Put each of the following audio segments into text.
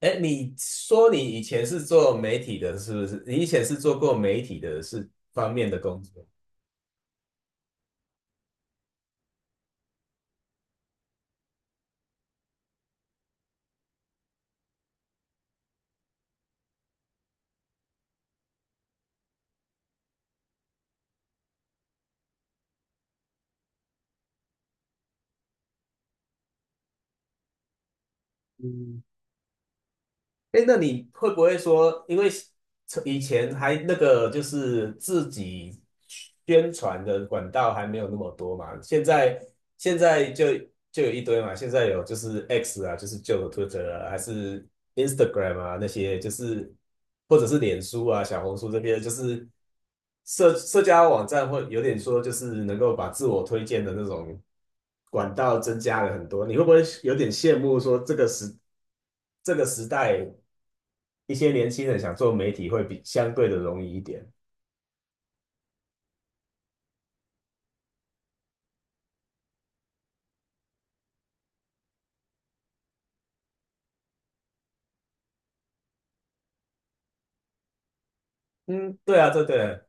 哎，你说你以前是做媒体的，是不是？你以前是做过媒体的是方面的工作？哎，那你会不会说，因为以前还那个就是自己宣传的管道还没有那么多嘛，现在有一堆嘛，现在有就是 X 啊，就是旧的 Twitter 啊，还是 Instagram 啊那些，就是或者是脸书啊、小红书这边，就是社交网站会有点说，就是能够把自我推荐的那种管道增加了很多，你会不会有点羡慕说这个时代？一些年轻人想做媒体会比相对的容易一点。嗯对啊，对对。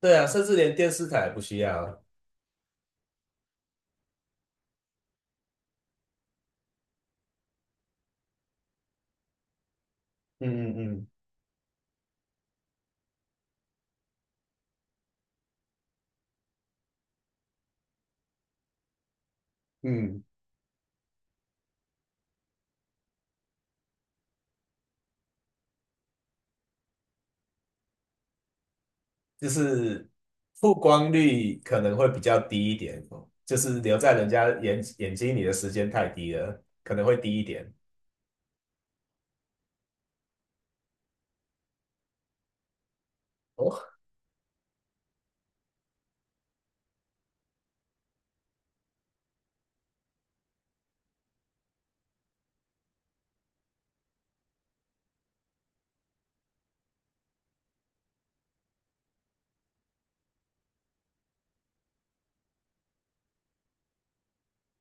对啊，甚至连电视台也不需要。嗯嗯嗯嗯，就是曝光率可能会比较低一点哦，就是留在人家眼睛里的时间太低了，可能会低一点。哦，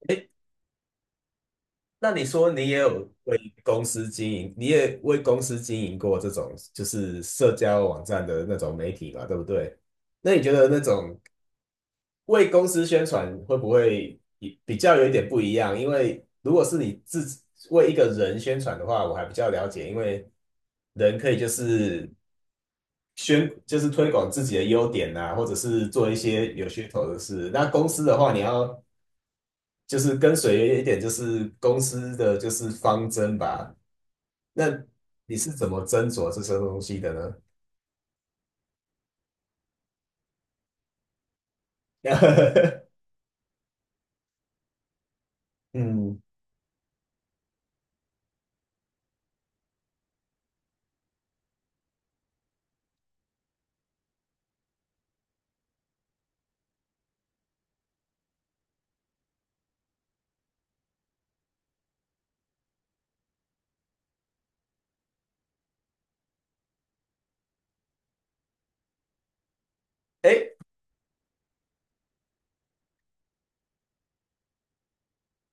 哎，那你说你也有为公司经营，你也为公司经营过这种就是社交网站的那种媒体吧，对不对？那你觉得那种为公司宣传会不会比较有一点不一样？因为如果是你自己为一个人宣传的话，我还比较了解，因为人可以就是宣，就是推广自己的优点啊，或者是做一些有噱头的事。那公司的话，你要就是跟随一点，就是公司的就是方针吧。那你是怎么斟酌这些东西的呢？嗯，哎，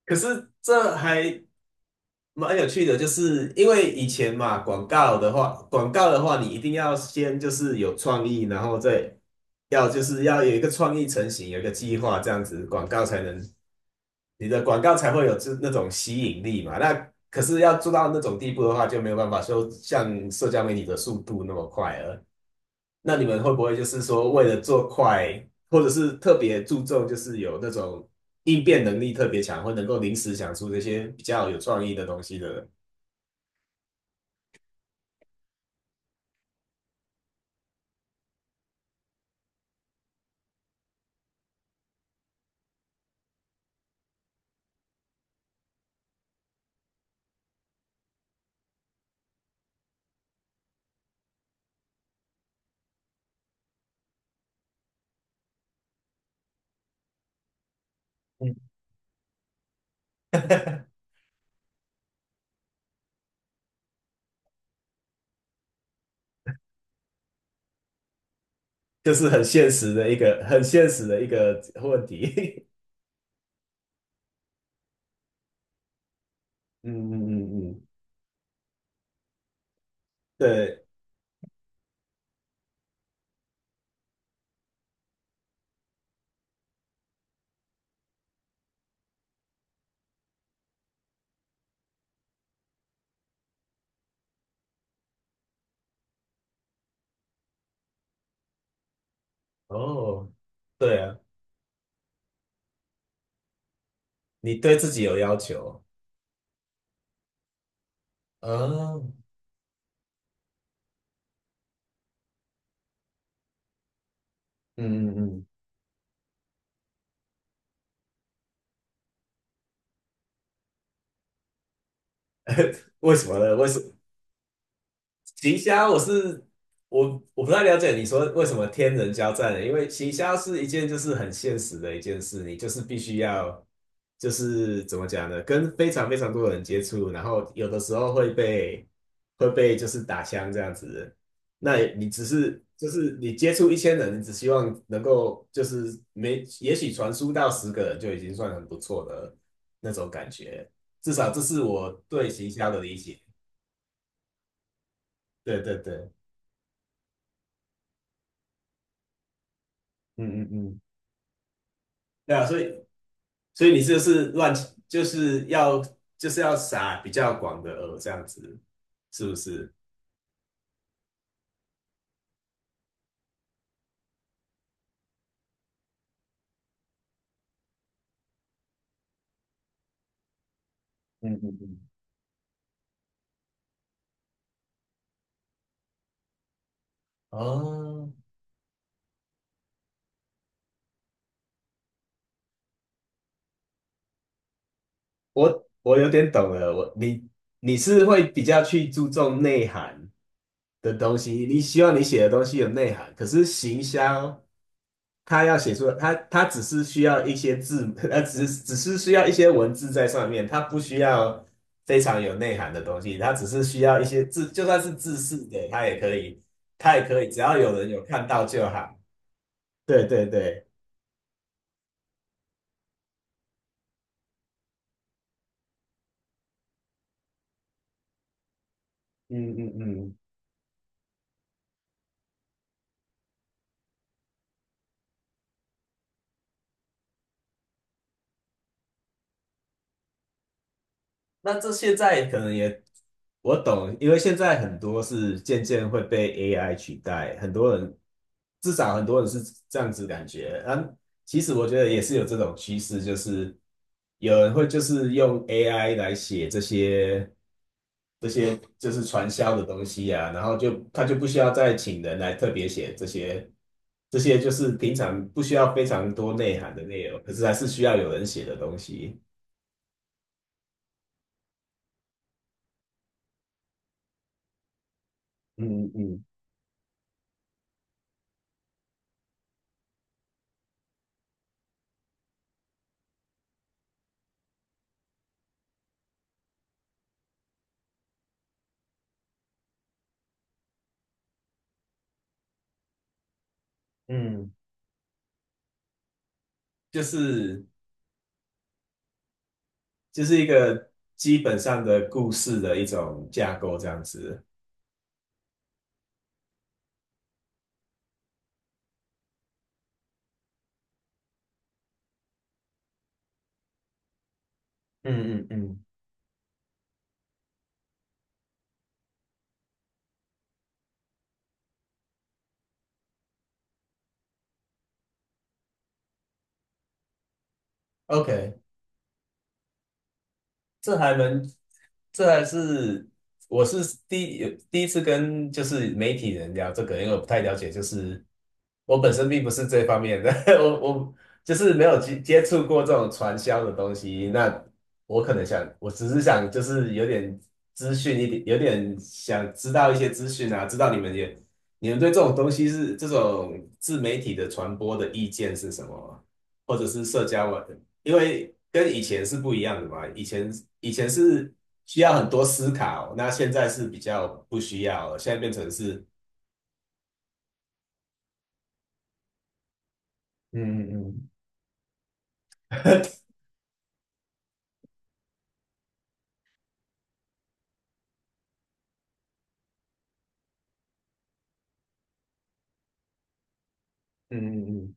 可是这还蛮有趣的，就是因为以前嘛，广告的话，你一定要先就是有创意，然后再要就是要有一个创意成型，有一个计划，这样子广告才能你的广告才会有这那种吸引力嘛。那可是要做到那种地步的话，就没有办法说像社交媒体的速度那么快了。那你们会不会就是说为了做快，或者是特别注重就是有那种应变能力特别强，或能够临时想出这些比较有创意的东西的人？就是很现实的一个问题。嗯嗯嗯嗯，对，哦，对啊，你对自己有要求，啊，嗯嗯嗯，为什么呢？为什奇虾，我是我我不太了解你说为什么天人交战呢？因为奇虾是一件就是很现实的一件事，你就是必须要就是怎么讲呢，跟非常非常多的人接触，然后有的时候会被就是打枪这样子。那你只是就是你接触一千人，你只希望能够就是没也许传输到十个人就已经算很不错的那种感觉，至少这是我对行销的理解。对对对，嗯嗯嗯。对啊，所以所以你这是乱，就是要撒比较广的饵这样子，是不是？嗯嗯嗯。哦，我有点懂了，你是会比较去注重内涵的东西，你希望你写的东西有内涵，可是行销它要写出它它只是需要一些字，它只是需要一些文字在上面，它不需要非常有内涵的东西，它只是需要一些字，就算是字式的，它也可以，它也可以，只要有人有看到就好。对对对，嗯嗯嗯。那这现在可能也我懂，因为现在很多是渐渐会被 AI 取代，很多人至少很多人是这样子感觉。嗯，其实我觉得也是有这种趋势，就是有人会就是用 AI 来写这些就是传销的东西啊，然后就他就不需要再请人来特别写这些就是平常不需要非常多内涵的内容，可是还是需要有人写的东西。嗯嗯嗯，就是。就是一个基本上的故事的一种架构这样子。嗯嗯嗯，OK,这还能，这还是我是第一次跟就是媒体人聊这个，因为我不太了解，就是我本身并不是这方面的，我就是没有接触过这种传销的东西。那我可能想，我只是想就是有点资讯一点，有点想知道一些资讯啊，知道你们也你们对这种东西是这种自媒体的传播的意见是什么，或者是社交网因为跟以前是不一样的嘛，以前以前是需要很多思考，那现在是比较不需要了，现在变成是嗯嗯嗯 嗯嗯嗯。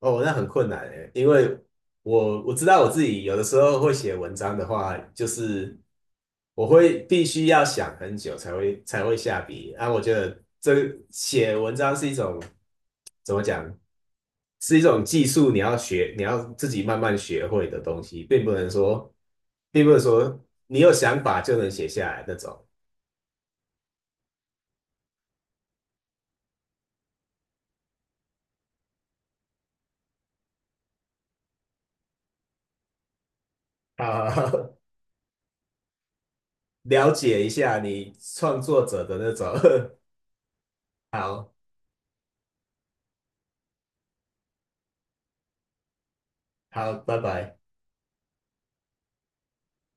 哦，那很困难诶，因为我知道我自己有的时候会写文章的话，就是我会必须要想很久才会下笔。啊，我觉得这个写文章是一种怎么讲，是一种技术，你要学，你要自己慢慢学会的东西，并不能说，并不能说你有想法就能写下来那种。啊，了解一下你创作者的那种。好，好，拜拜。